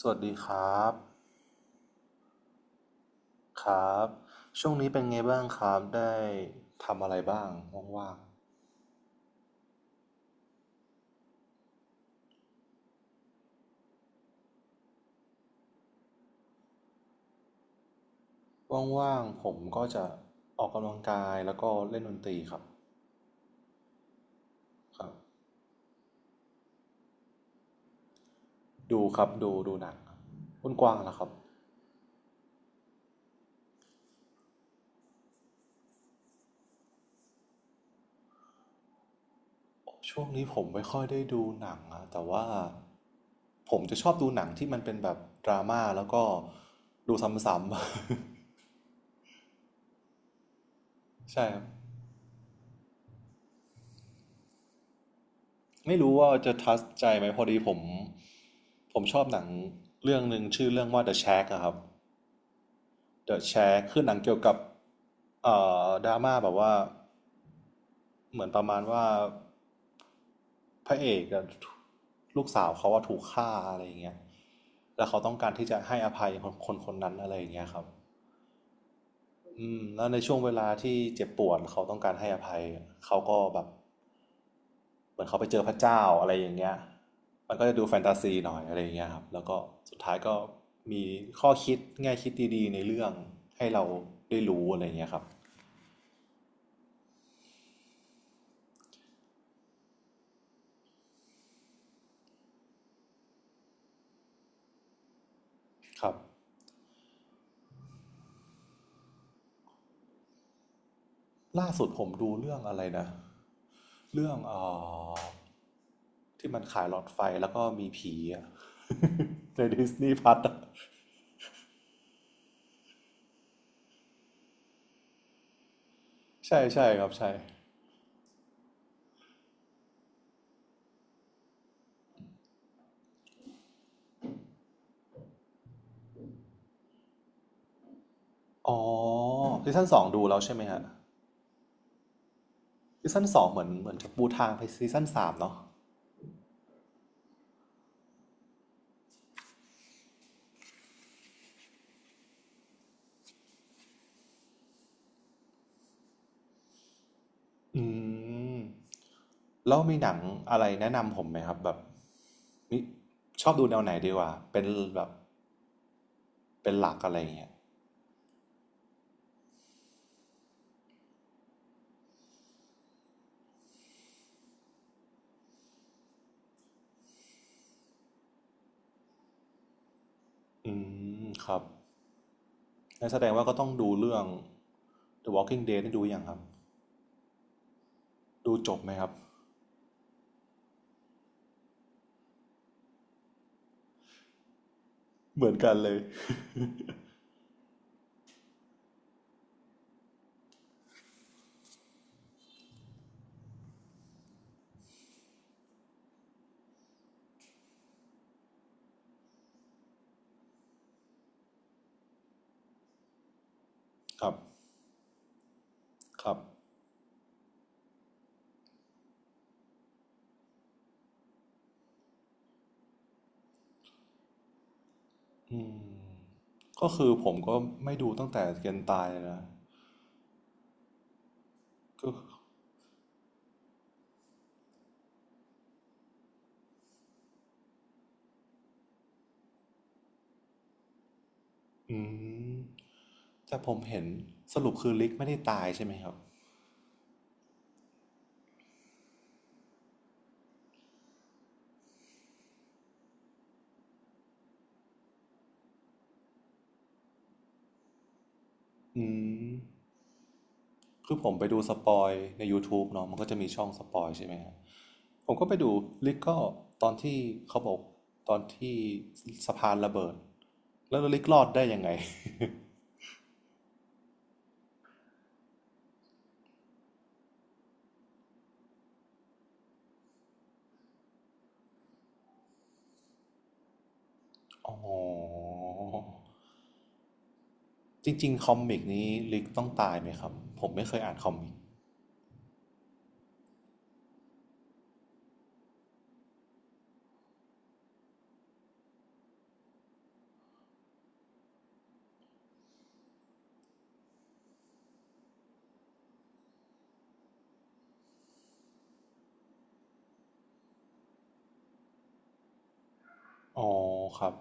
สวัสดีครับครับช่วงนี้เป็นไงบ้างครับ ได้ทำอะไรบ้างว่างๆว่างๆ ผมก็จะออกกำลังกายแล้วก็เล่นดนตรีครับครับ ดูครับดูหนังครับคุณกว้างล่ะครับช่วงนี้ผมไม่ค่อยได้ดูหนังอะแต่ว่าผมจะชอบดูหนังที่มันเป็นแบบดราม่าแล้วก็ดูซ้ำๆ ใช่ครับไม่รู้ว่าจะทัชใจไหมพอดีผมชอบหนังเรื่องหนึ่งชื่อเรื่องว่า The Shack อะครับ เดอะแชร์คือหนังเกี่ยวกับเอ่ดราม่าแบบว่า เหมือนประมาณว่าพระเอกอะลูกสาวเขาว่าถูกฆ่าอะไรอย่างเงี้ยแล้วเขาต้องการที่จะให้อภัยคนนั้นอะไรอย่างเงี้ยครับอืมแล้วในช่วงเวลาที่เจ็บปวดเขาต้องการให้อภัย เขาก็แบบเหมือนเขาไปเจอพระเจ้าอะไรอย่างเงี้ยมันก็จะดูแฟนตาซีหน่อยอะไรอย่างเงี้ยครับแล้วก็สุดท้ายก็มีข้อคิดแง่คิดดีๆในเรื่องให้เราได้รู้อะไรอย่างเงี้ยครับ ครับล่าสุดผมดูเรื่องอะไรนะเรื่องอที่มันขายหลอดไฟแล้วก็มีผีอะ ในดิสนีย์พัทใช่ใช่ครับใช่อ๋อซีซั่นสองดูแล้วใช่ไหมฮะซีซั่นสองเหมือนจะปูทางไปซีซั่นสามเนาะอืมแล้วมีหนังอะไรแนะนำผมไหมครับแบบนี่ชอบดูแนวไหนดีกว่าเป็นแบบเป็นหลักอะไรอย่างเงี้ยอืมครับ งันแสดงว่าก็ต้องดูเรื่อง The Walking Dead นี่ดูยังครับ ดูจบไหมครับ เหมือนกันเลย ครับ ครับอืมก็คือผมก็ไม่ดูตั้งแต่เกนตายนะก็อืมแต่ผมเห็นสรุปคือลิกไม่ได้ตายใช่ไหมครับอืมคือผมไปดูสปอยใน YouTube เนาะมันก็จะมีช่องสปอยใช่ไหมฮะผมก็ไปดูลิกก็ตอนที่เขาบอกตอนที่สะพานระเบิดแล้วลิกรอดได้ยังไง อ๋อจริงๆคอมิกนี้ลิกต้องตายไหมครับผมไม่เคยอ่านคอมิกอ๋อครับ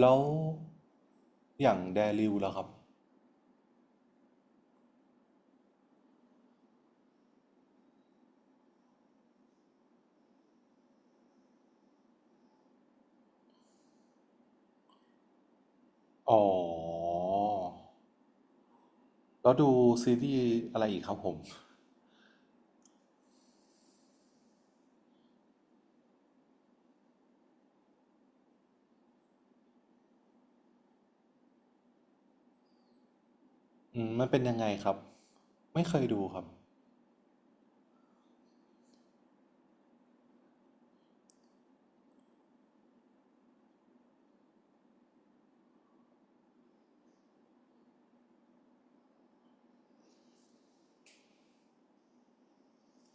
แล้วอย่างแดริวแล้วครับอ๋อแล้วดูซีรีส์อะไรอีกครับผมอืมมันเป็นยังไงครับไม่เคยดูครับ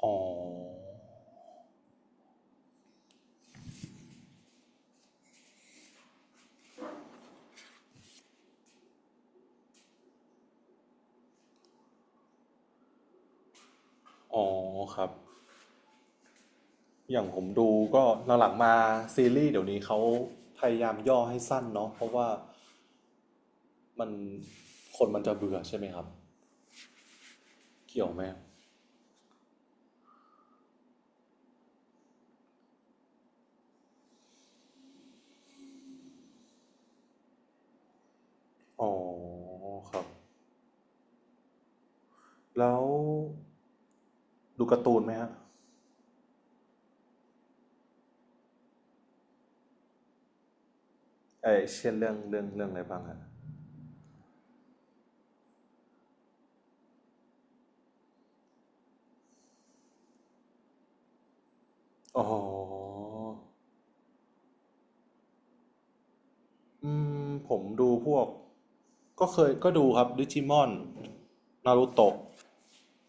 อ๋ออ๋อครับอย่างผมดูก็หลังๆมาซีรีส์เดี๋ยวนี้เขาพยายามย่อให้สั้นเนาะเพราะว่ามันคนมันจะเบื่อใช่ไหมครับเกี่ยวไหม อ๋อครับแล้วดูการ์ตูนไหมฮะเอเช่นเรื่องอะไรบ้างฮะอ๋ออืมผมดูพวกก็เคยก็ดูครับดิจิมอนนารูโตะ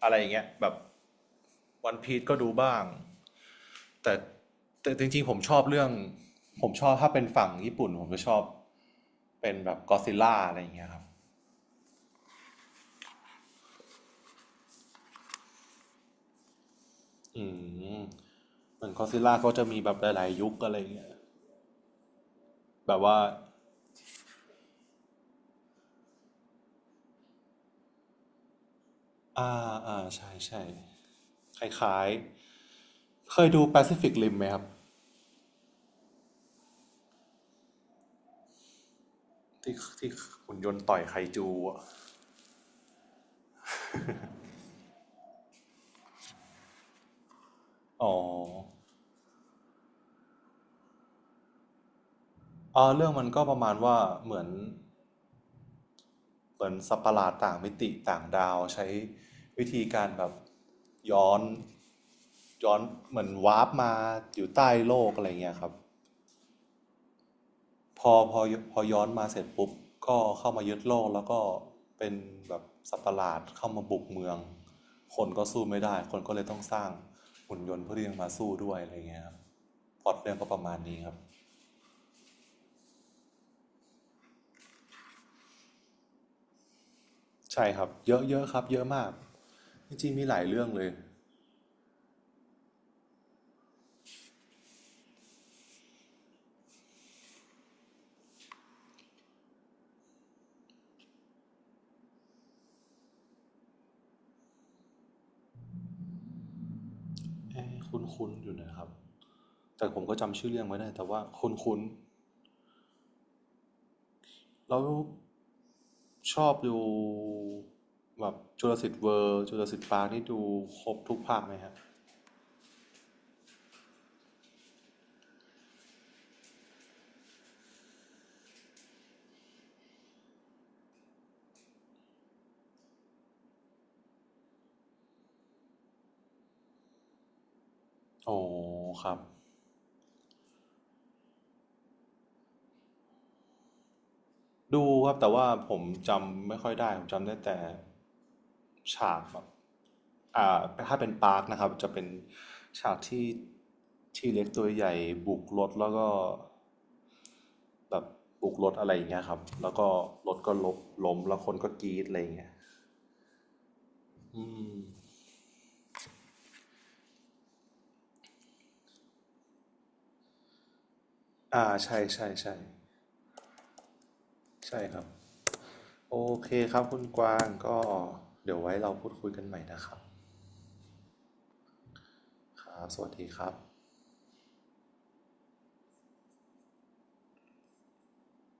อะไรอย่างเงี้ยแบบวันพี e ก็ดูบ้างแต่แต่จริงๆผมชอบเรื่องผมชอบถ้าเป็นฝั่งญี่ปุ่นผมจะชอบเป็นแบบก็ซิลล่าอะไรอย่างเงี้ยครับอืมเหมือนก็ซิลล่าก็จะมีแบบหลายๆยุคอะไรอย่างเงี้ยแบบว่า อ่าอ่าใช่ใช่คล้ายๆเคยดู Pacific Rim ไหมครับที่หุ่นยนต์ต่อยไคจูอะอ๋ออ่าเรื่องมันก็ประมาณว่าเหมือนเหมือนสัตว์ประหลาดต่างมิติต่างดาวใช้วิธีการแบบย้อนย้อนเหมือนวาร์ปมาอยู่ใต้โลกอะไรเงี้ยครับ พอพอพอย้อนมาเสร็จปุ๊บก็เข้ามายึดโลกแล้วก็เป็นแบบสัตว์ประหลาดเข้ามาบุกเมืองคนก็สู้ไม่ได้คนก็เลยต้องสร้างหุ่นยนต์เพื่อที่จะมาสู้ด้วยอะไรเงี้ยครับพล็อตเรื่องก็ประมาณนี้ครับใช่ครับเยอะเยอะครับเยอะมากจริงๆมีหลายเรื่องเลยคุ้นคุ้นๆอยู่นะครับแต่ผมก็จำชื่อเรื่องไม่ได้แต่ว่าคุ้นคุ้นๆแล้วชอบดูแบบจุลศิษย์เวอร์จุลศิษย์ปาร์คนี่ดูครบทุกภาคไหมฮะโอ้ครับ ดูครับแต่ว่าผมจำไม่ค่อยได้ผมจำได้แต่ฉากแบบอ่าถ้าเป็นปาร์คนะครับจะเป็นฉากที่ที่เล็กตัวใหญ่บุกรถแล้วก็แบบบุกรถอะไรอย่างเงี้ยครับแล้วก็รถก็ลบล้มแล้วคนก็กรี๊ดอะไรอย่างเงี้ยอืมอ่าใช่ใช่ใช่ใช่ครับโอเคครับคุณกวางก็เดี๋ยวไว้เราพูดคุยกันใหม่นะครับครับสวัสดีครับ